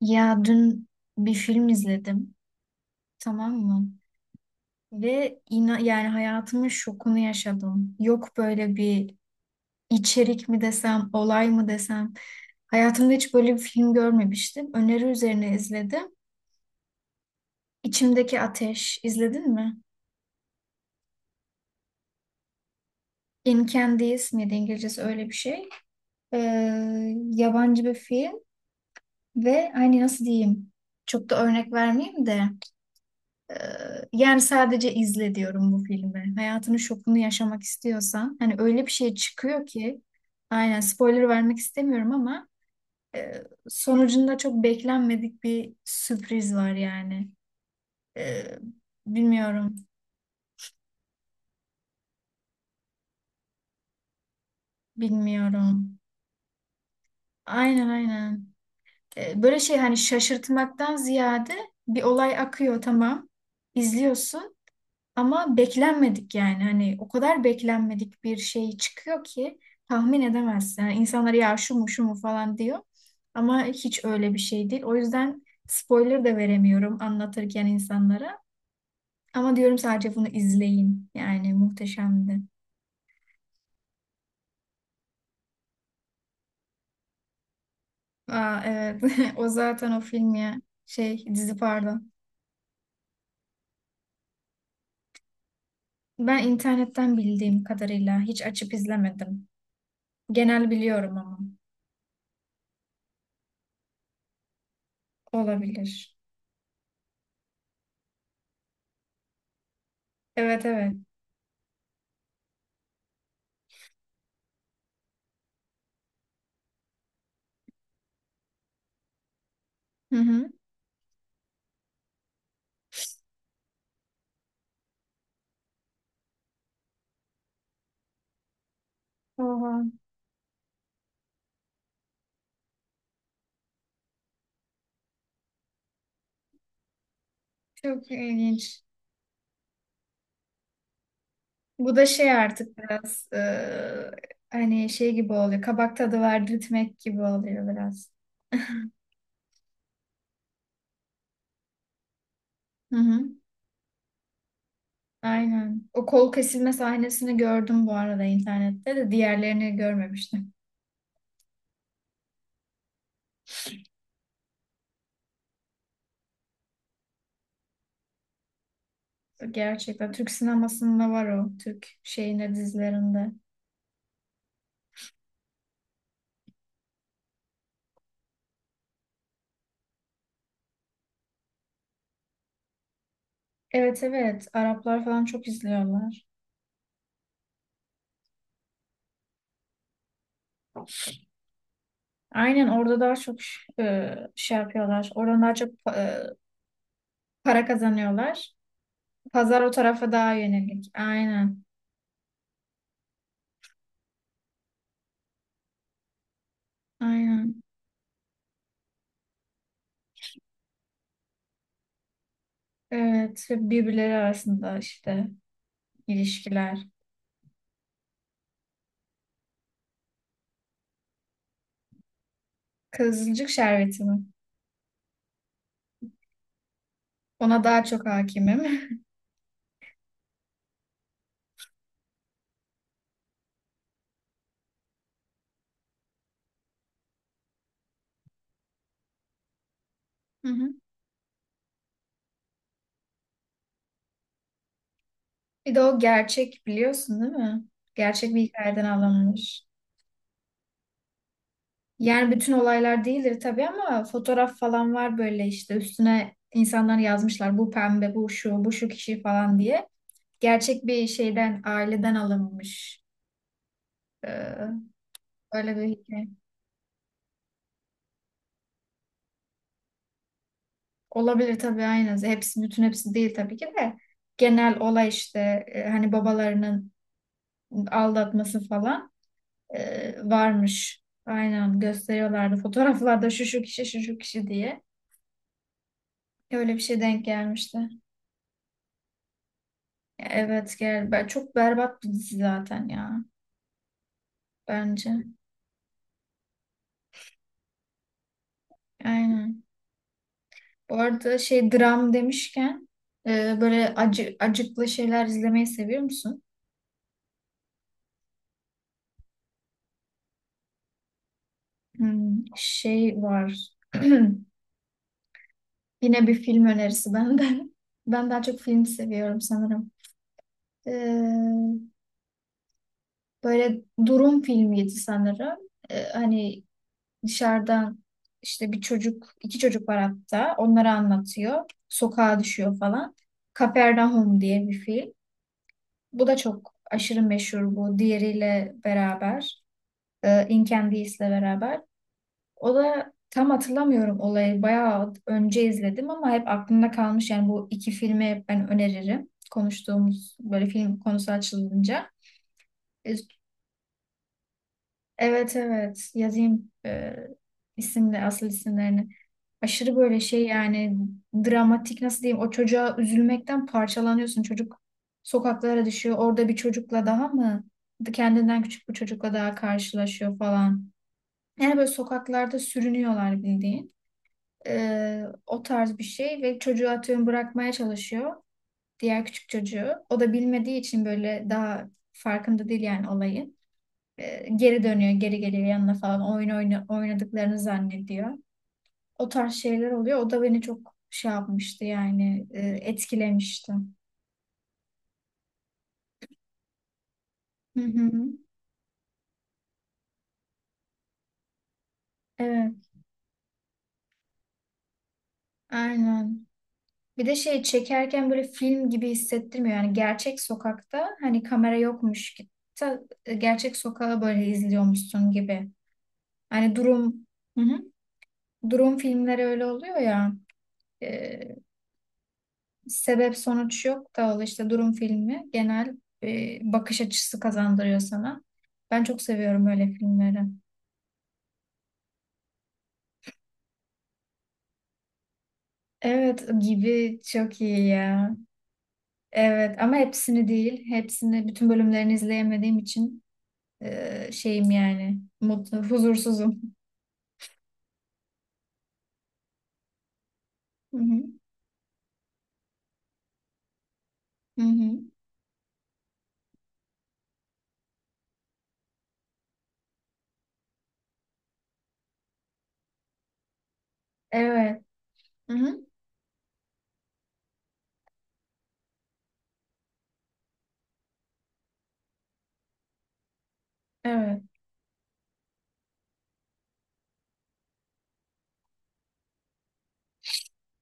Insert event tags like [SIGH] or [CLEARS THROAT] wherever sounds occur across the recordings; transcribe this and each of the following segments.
Ya dün bir film izledim, tamam mı? Ve ina yani hayatımın şokunu yaşadım. Yok böyle bir içerik mi desem, olay mı desem. Hayatımda hiç böyle bir film görmemiştim. Öneri üzerine izledim. İçimdeki Ateş, izledin mi? In Candice miydi İngilizcesi öyle bir şey. Ee, Yabancı bir film ve hani nasıl diyeyim? Çok da örnek vermeyeyim de. Ee, Yani sadece izle diyorum bu filmi. Hayatının şokunu yaşamak istiyorsan hani öyle bir şey çıkıyor ki aynen spoiler vermek istemiyorum ama e, sonucunda çok beklenmedik bir sürpriz var yani. Ee, bilmiyorum, bilmiyorum. Aynen aynen. Böyle şey hani şaşırtmaktan ziyade bir olay akıyor tamam. İzliyorsun. Ama beklenmedik yani hani o kadar beklenmedik bir şey çıkıyor ki tahmin edemezsin. Yani insanlar ya şu mu şu mu falan diyor ama hiç öyle bir şey değil. O yüzden spoiler da veremiyorum anlatırken insanlara. Ama diyorum sadece bunu izleyin. Yani muhteşemdi. Aa, evet [LAUGHS] o zaten o film ya şey dizi pardon. Ben internetten bildiğim kadarıyla hiç açıp izlemedim. Genel biliyorum ama olabilir. Evet evet. Hı hı. Oha. Çok ilginç. Bu da şey artık biraz hani şey gibi oluyor. Kabak tadı verdirtmek gibi oluyor biraz. [LAUGHS] Hı hı. Aynen. O kol kesilme sahnesini gördüm bu arada internette de diğerlerini görmemiştim. Gerçekten Türk sinemasında var o. Türk şeyinde dizilerinde. Evet evet. Araplar falan çok izliyorlar. Aynen orada daha çok şey yapıyorlar. Oradan daha çok e, para kazanıyorlar. Pazar o tarafa daha yönelik. Aynen. Aynen. Evet ve birbirleri arasında işte ilişkiler. Kızılcık Şerbeti mi? Ona daha çok hakimim. [LAUGHS] Hı hı. Bir de o gerçek biliyorsun değil mi? Gerçek bir hikayeden alınmış. Yani bütün olaylar değildir tabii ama fotoğraf falan var böyle işte üstüne insanlar yazmışlar bu pembe, bu şu, bu şu kişi falan diye. Gerçek bir şeyden, aileden alınmış. Ee, Öyle bir hikaye. Olabilir tabii aynen. Hepsi bütün hepsi değil tabii ki de. Genel olay işte hani babalarının aldatması falan varmış. Aynen gösteriyorlardı fotoğraflarda şu şu kişi şu şu kişi diye. Öyle bir şey denk gelmişti. Evet gel. Çok berbat bir dizi zaten ya. Bence. Aynen. Bu arada şey dram demişken böyle acı acıklı şeyler izlemeyi seviyor musun? Hmm, şey var. [CLEARS THROAT] Yine bir film önerisi benden. [LAUGHS] Ben daha çok film seviyorum sanırım. Ee, Böyle durum filmiydi sanırım. Hani dışarıdan işte bir çocuk, iki çocuk var hatta. Onları anlatıyor. Sokağa düşüyor falan. Kapernaum diye bir film. Bu da çok aşırı meşhur bu. Diğeriyle beraber. E, In Candice ile beraber. O da tam hatırlamıyorum olayı. Bayağı önce izledim ama hep aklımda kalmış. Yani bu iki filmi ben öneririm. Konuştuğumuz böyle film konusu açılınca. E, Evet evet yazayım isimle asıl isimlerini. Aşırı böyle şey yani dramatik nasıl diyeyim o çocuğa üzülmekten parçalanıyorsun. Çocuk sokaklara düşüyor. Orada bir çocukla daha mı kendinden küçük bir çocukla daha karşılaşıyor falan. Yani böyle sokaklarda sürünüyorlar bildiğin. O tarz bir şey ve çocuğu atıyorum bırakmaya çalışıyor. Diğer küçük çocuğu. O da bilmediği için böyle daha farkında değil yani olayın. Geri dönüyor, geri geliyor yanına falan. Oyun oyna, oynadıklarını zannediyor. O tarz şeyler oluyor. O da beni çok şey yapmıştı yani etkilemişti. Hı hı. Evet, aynen. Bir de şey çekerken böyle film gibi hissettirmiyor. Yani gerçek sokakta hani kamera yokmuş ki Ta- gerçek sokağı böyle izliyormuşsun gibi. Hani durum hı hı. Durum filmleri öyle oluyor ya. e, Sebep sonuç yok da o işte durum filmi genel bakış açısı kazandırıyor sana. Ben çok seviyorum öyle filmleri. Evet gibi çok iyi ya. Evet ama hepsini değil. Hepsini bütün bölümlerini izleyemediğim için şeyim yani mutlu, huzursuzum. Hı hı. Hı hı. Evet. Hı hı. Evet.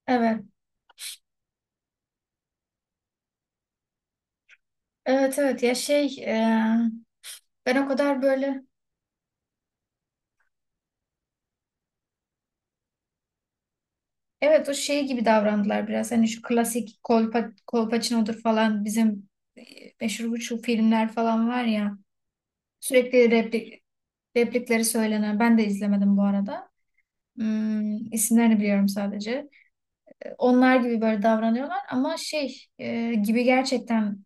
Evet. Evet evet ya şey ben o kadar böyle evet o şey gibi davrandılar biraz. Hani şu klasik kolpa, Kolpaçino'dur falan bizim e, meşhur bu şu filmler falan var ya. Sürekli replik, replikleri söylenen. Ben de izlemedim bu arada. Hmm, isimlerini biliyorum sadece. Onlar gibi böyle davranıyorlar ama şey gibi gerçekten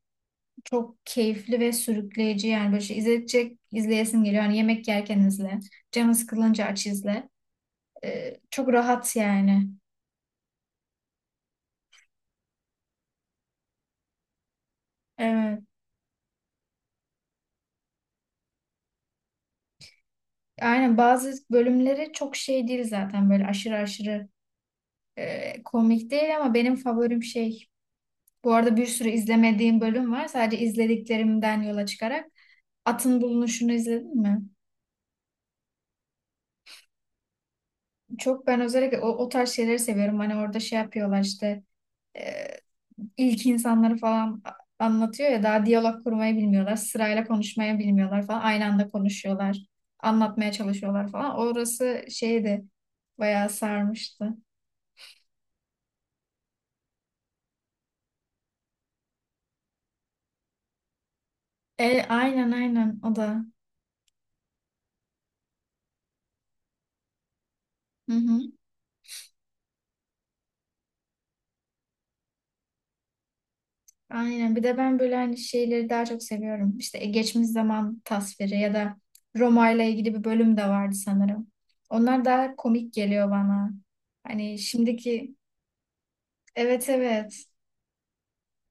çok keyifli ve sürükleyici yani böyle şey izleyecek izleyesin geliyor. Hani yemek yerken izle, canın sıkılınca aç izle. E, çok rahat yani. Evet. Aynen bazı bölümleri çok şey değil zaten böyle aşırı aşırı komik değil ama benim favorim şey. Bu arada bir sürü izlemediğim bölüm var. Sadece izlediklerimden yola çıkarak Atın Bulunuşunu izledin mi? Çok ben özellikle o, o tarz şeyleri seviyorum. Hani orada şey yapıyorlar işte e, ilk insanları falan anlatıyor ya daha diyalog kurmayı bilmiyorlar. Sırayla konuşmayı bilmiyorlar falan. Aynı anda konuşuyorlar. Anlatmaya çalışıyorlar falan. Orası şeydi bayağı sarmıştı. Aynen aynen o da. Hı hı. Aynen. Bir de ben böyle hani şeyleri daha çok seviyorum. İşte geçmiş zaman tasviri ya da Roma ile ilgili bir bölüm de vardı sanırım. Onlar daha komik geliyor bana. Hani şimdiki evet evet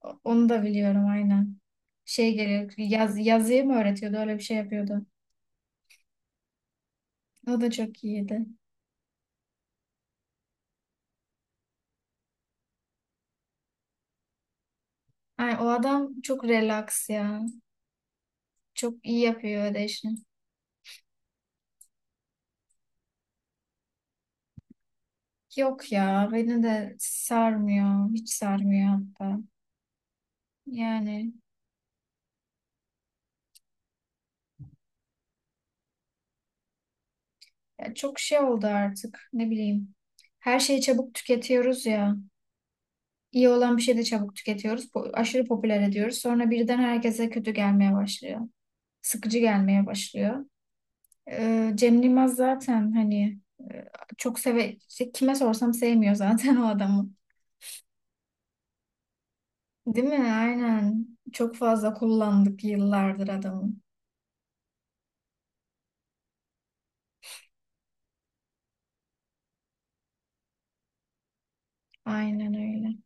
Onu da biliyorum aynen. Şey geliyor yazıyı mı öğretiyordu öyle bir şey yapıyordu. O da çok iyiydi. Ay, o adam çok relax ya. Çok iyi yapıyor öyle işini. Yok ya beni de sarmıyor. Hiç sarmıyor hatta. Yani ya çok şey oldu artık ne bileyim. Her şeyi çabuk tüketiyoruz ya. İyi olan bir şeyi de çabuk tüketiyoruz. Aşırı popüler ediyoruz. Sonra birden herkese kötü gelmeye başlıyor. Sıkıcı gelmeye başlıyor. Cem Yılmaz zaten hani e, çok seve işte kime sorsam sevmiyor zaten [LAUGHS] o adamı. Değil mi? Aynen. Çok fazla kullandık yıllardır adamı. Aynen öyle.